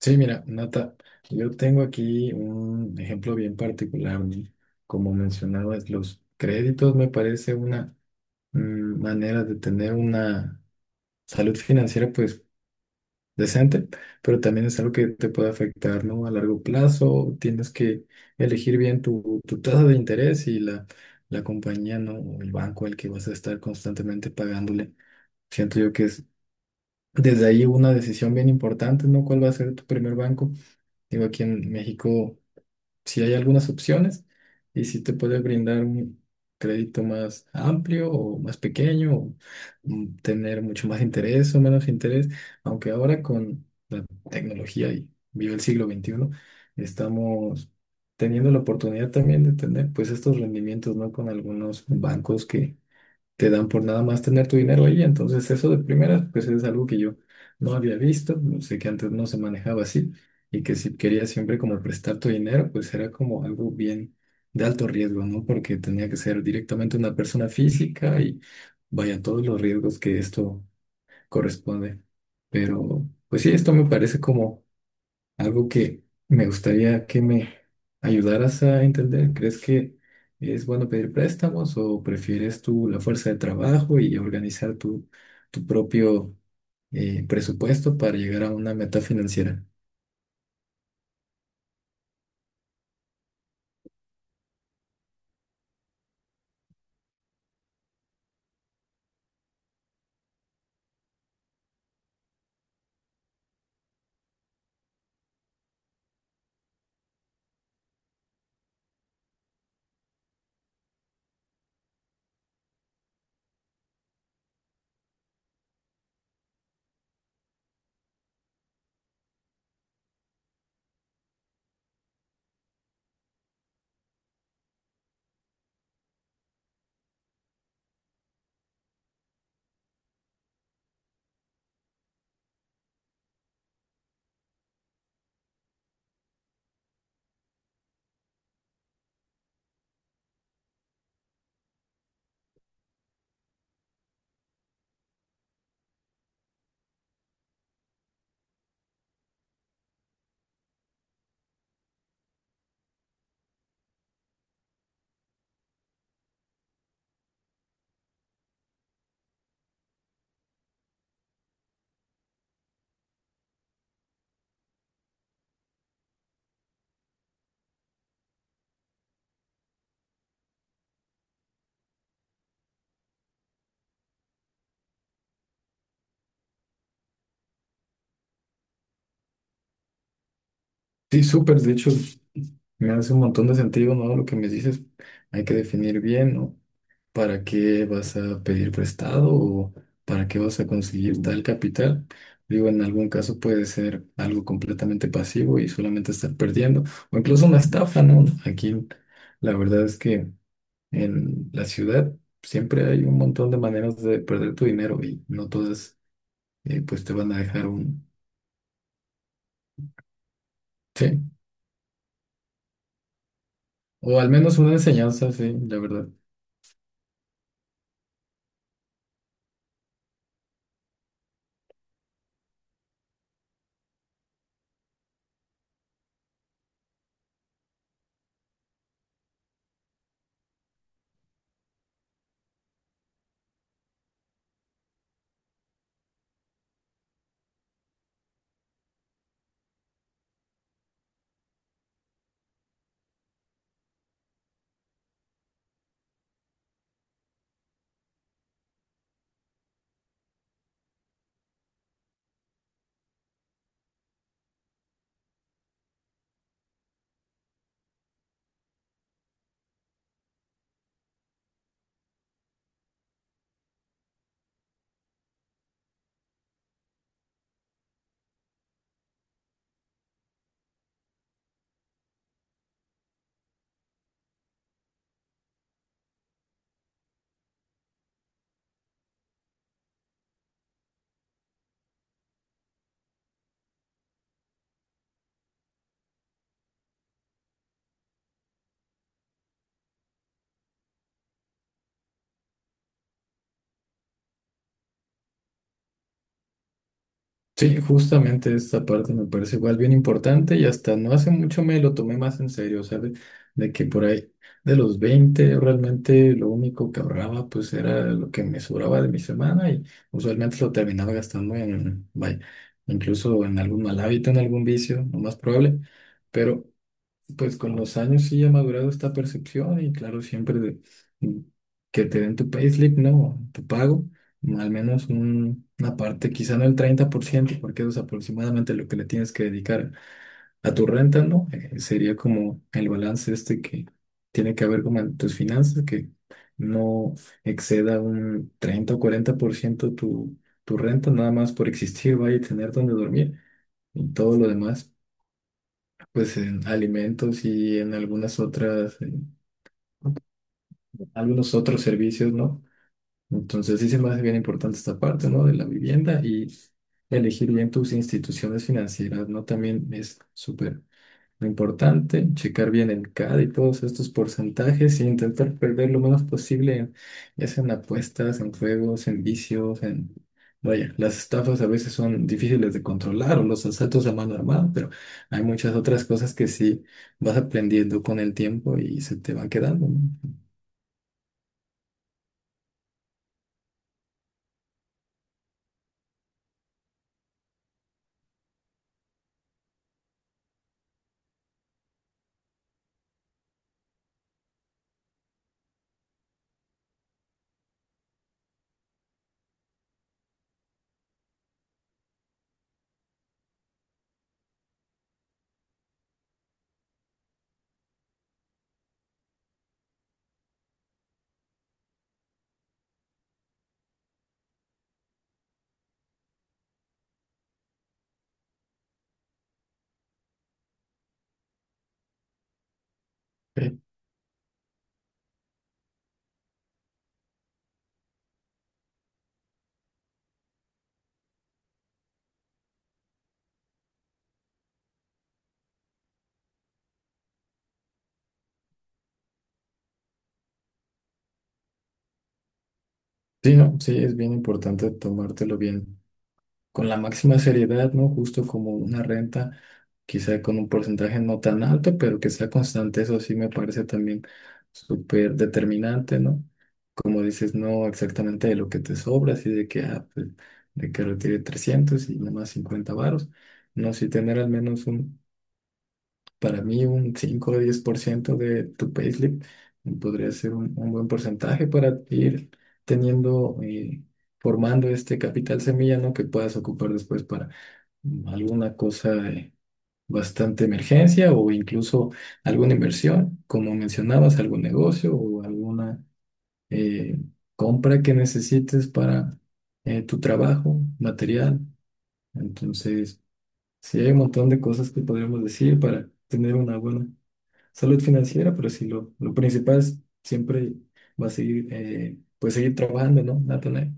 Sí, mira, Nata, yo tengo aquí un ejemplo bien particular, ¿no? Como mencionabas, los créditos me parece una manera de tener una salud financiera pues decente, pero también es algo que te puede afectar, ¿no? A largo plazo, tienes que elegir bien tu tasa de interés y la compañía, ¿no? O el banco al que vas a estar constantemente pagándole. Siento yo que es desde ahí una decisión bien importante, ¿no? ¿Cuál va a ser tu primer banco? Digo, aquí en México. Si hay algunas opciones y si te puede brindar un crédito más amplio o más pequeño, tener mucho más interés o menos interés, aunque ahora con la tecnología y vive el siglo XXI estamos teniendo la oportunidad también de tener pues estos rendimientos, ¿no? Con algunos bancos que te dan por nada más tener tu dinero ahí. Entonces eso de primera, pues es algo que yo no había visto, no sé que antes no se manejaba así y que si querías siempre como prestar tu dinero, pues era como algo bien de alto riesgo, ¿no? Porque tenía que ser directamente una persona física y vaya todos los riesgos que esto corresponde. Pero pues sí, esto me parece como algo que me gustaría que me ayudaras a entender. ¿Crees que es bueno pedir préstamos o prefieres tú la fuerza de trabajo y organizar tu propio presupuesto para llegar a una meta financiera? Sí, súper. De hecho, me hace un montón de sentido, ¿no? Lo que me dices, hay que definir bien, ¿no? ¿Para qué vas a pedir prestado o para qué vas a conseguir tal capital? Digo, en algún caso puede ser algo completamente pasivo y solamente estar perdiendo, o incluso una estafa, ¿no? Aquí la verdad es que en la ciudad siempre hay un montón de maneras de perder tu dinero y no todas pues te van a dejar un, sí, o al menos una enseñanza, sí, la verdad. Sí, justamente esta parte me parece igual bien importante y hasta no hace mucho me lo tomé más en serio, ¿sabes? De que por ahí de los 20 realmente lo único que ahorraba pues era lo que me sobraba de mi semana y usualmente lo terminaba gastando en, vaya, incluso en algún mal hábito, en algún vicio, lo más probable, pero pues con los años sí ha madurado esta percepción y claro, que te den tu payslip, ¿no? Tu pago, al menos una parte, quizá no el 30% porque eso es aproximadamente lo que le tienes que dedicar a tu renta, ¿no? Sería como el balance este que tiene que haber como en tus finanzas, que no exceda un 30 o 40% tu, tu renta, nada más por existir, vaya a tener donde dormir y todo lo demás pues en alimentos y en algunas otras, en algunos otros servicios, ¿no? Entonces sí se me hace bien importante esta parte, ¿no? De la vivienda y elegir bien tus instituciones financieras, ¿no? También es súper lo importante, checar bien el CAD y todos estos porcentajes y intentar perder lo menos posible, ya sea en apuestas, en juegos, en vicios, en... Vaya, las estafas a veces son difíciles de controlar o los asaltos a mano armada, pero hay muchas otras cosas que sí vas aprendiendo con el tiempo y se te van quedando, ¿no? Ok. Sí, no, sí, es bien importante tomártelo bien con la máxima seriedad, ¿no? Justo como una renta, quizá con un porcentaje no tan alto, pero que sea constante, eso sí me parece también súper determinante, ¿no? Como dices, no exactamente de lo que te sobra, así de que, ah, pues, de que retire 300 y nomás 50 varos, no, si tener al menos un, para mí, un 5 o 10% de tu payslip podría ser un buen porcentaje para ir teniendo... formando este capital semilla, ¿no? Que puedas ocupar después alguna cosa de bastante emergencia o incluso alguna inversión, como mencionabas, algún negocio o alguna eh, compra que necesites para tu trabajo, material. Entonces, sí hay un montón de cosas que podríamos decir para tener una buena salud financiera, pero sí lo principal es siempre va a seguir, pues seguir trabajando, ¿no? ¿Natanael?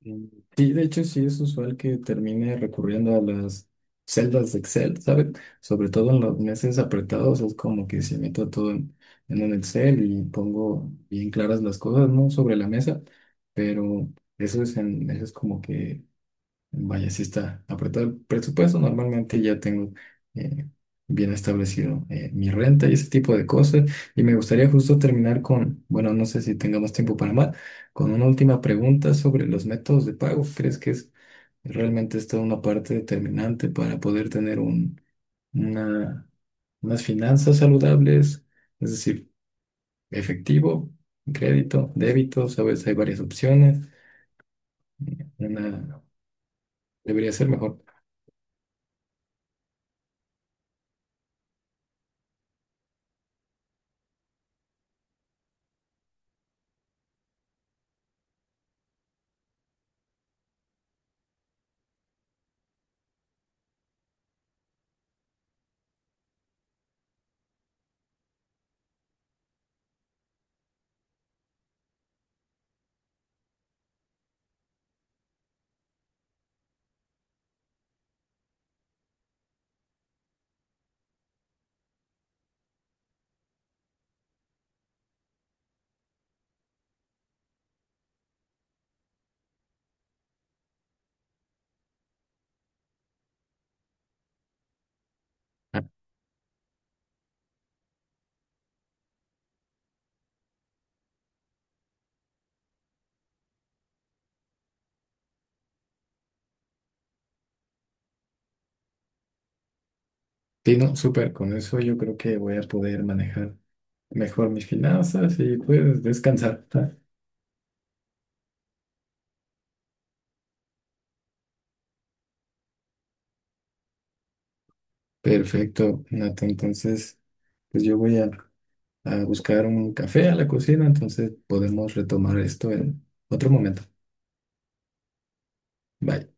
Mm. Sí, de hecho sí es usual que termine recurriendo a las celdas de Excel, ¿sabes? Sobre todo en los meses apretados es como que se meto todo en un Excel y pongo bien claras las cosas, ¿no? Sobre la mesa, pero eso es, en, eso es como que vaya, si está apretado el presupuesto. Normalmente ya tengo eh, bien establecido mi renta y ese tipo de cosas. Y me gustaría justo terminar con, bueno, no sé si tengamos tiempo para más, con una última pregunta sobre los métodos de pago. ¿Crees que es realmente esta una parte determinante para poder tener un, una, unas finanzas saludables? Es decir, efectivo, crédito, débito, sabes, hay varias opciones. Una debería ser mejor. Sí, no, súper, con eso yo creo que voy a poder manejar mejor mis finanzas y pues descansar. Ah, perfecto, Nato. Entonces, pues yo voy a buscar un café a la cocina, entonces podemos retomar esto en otro momento. Bye.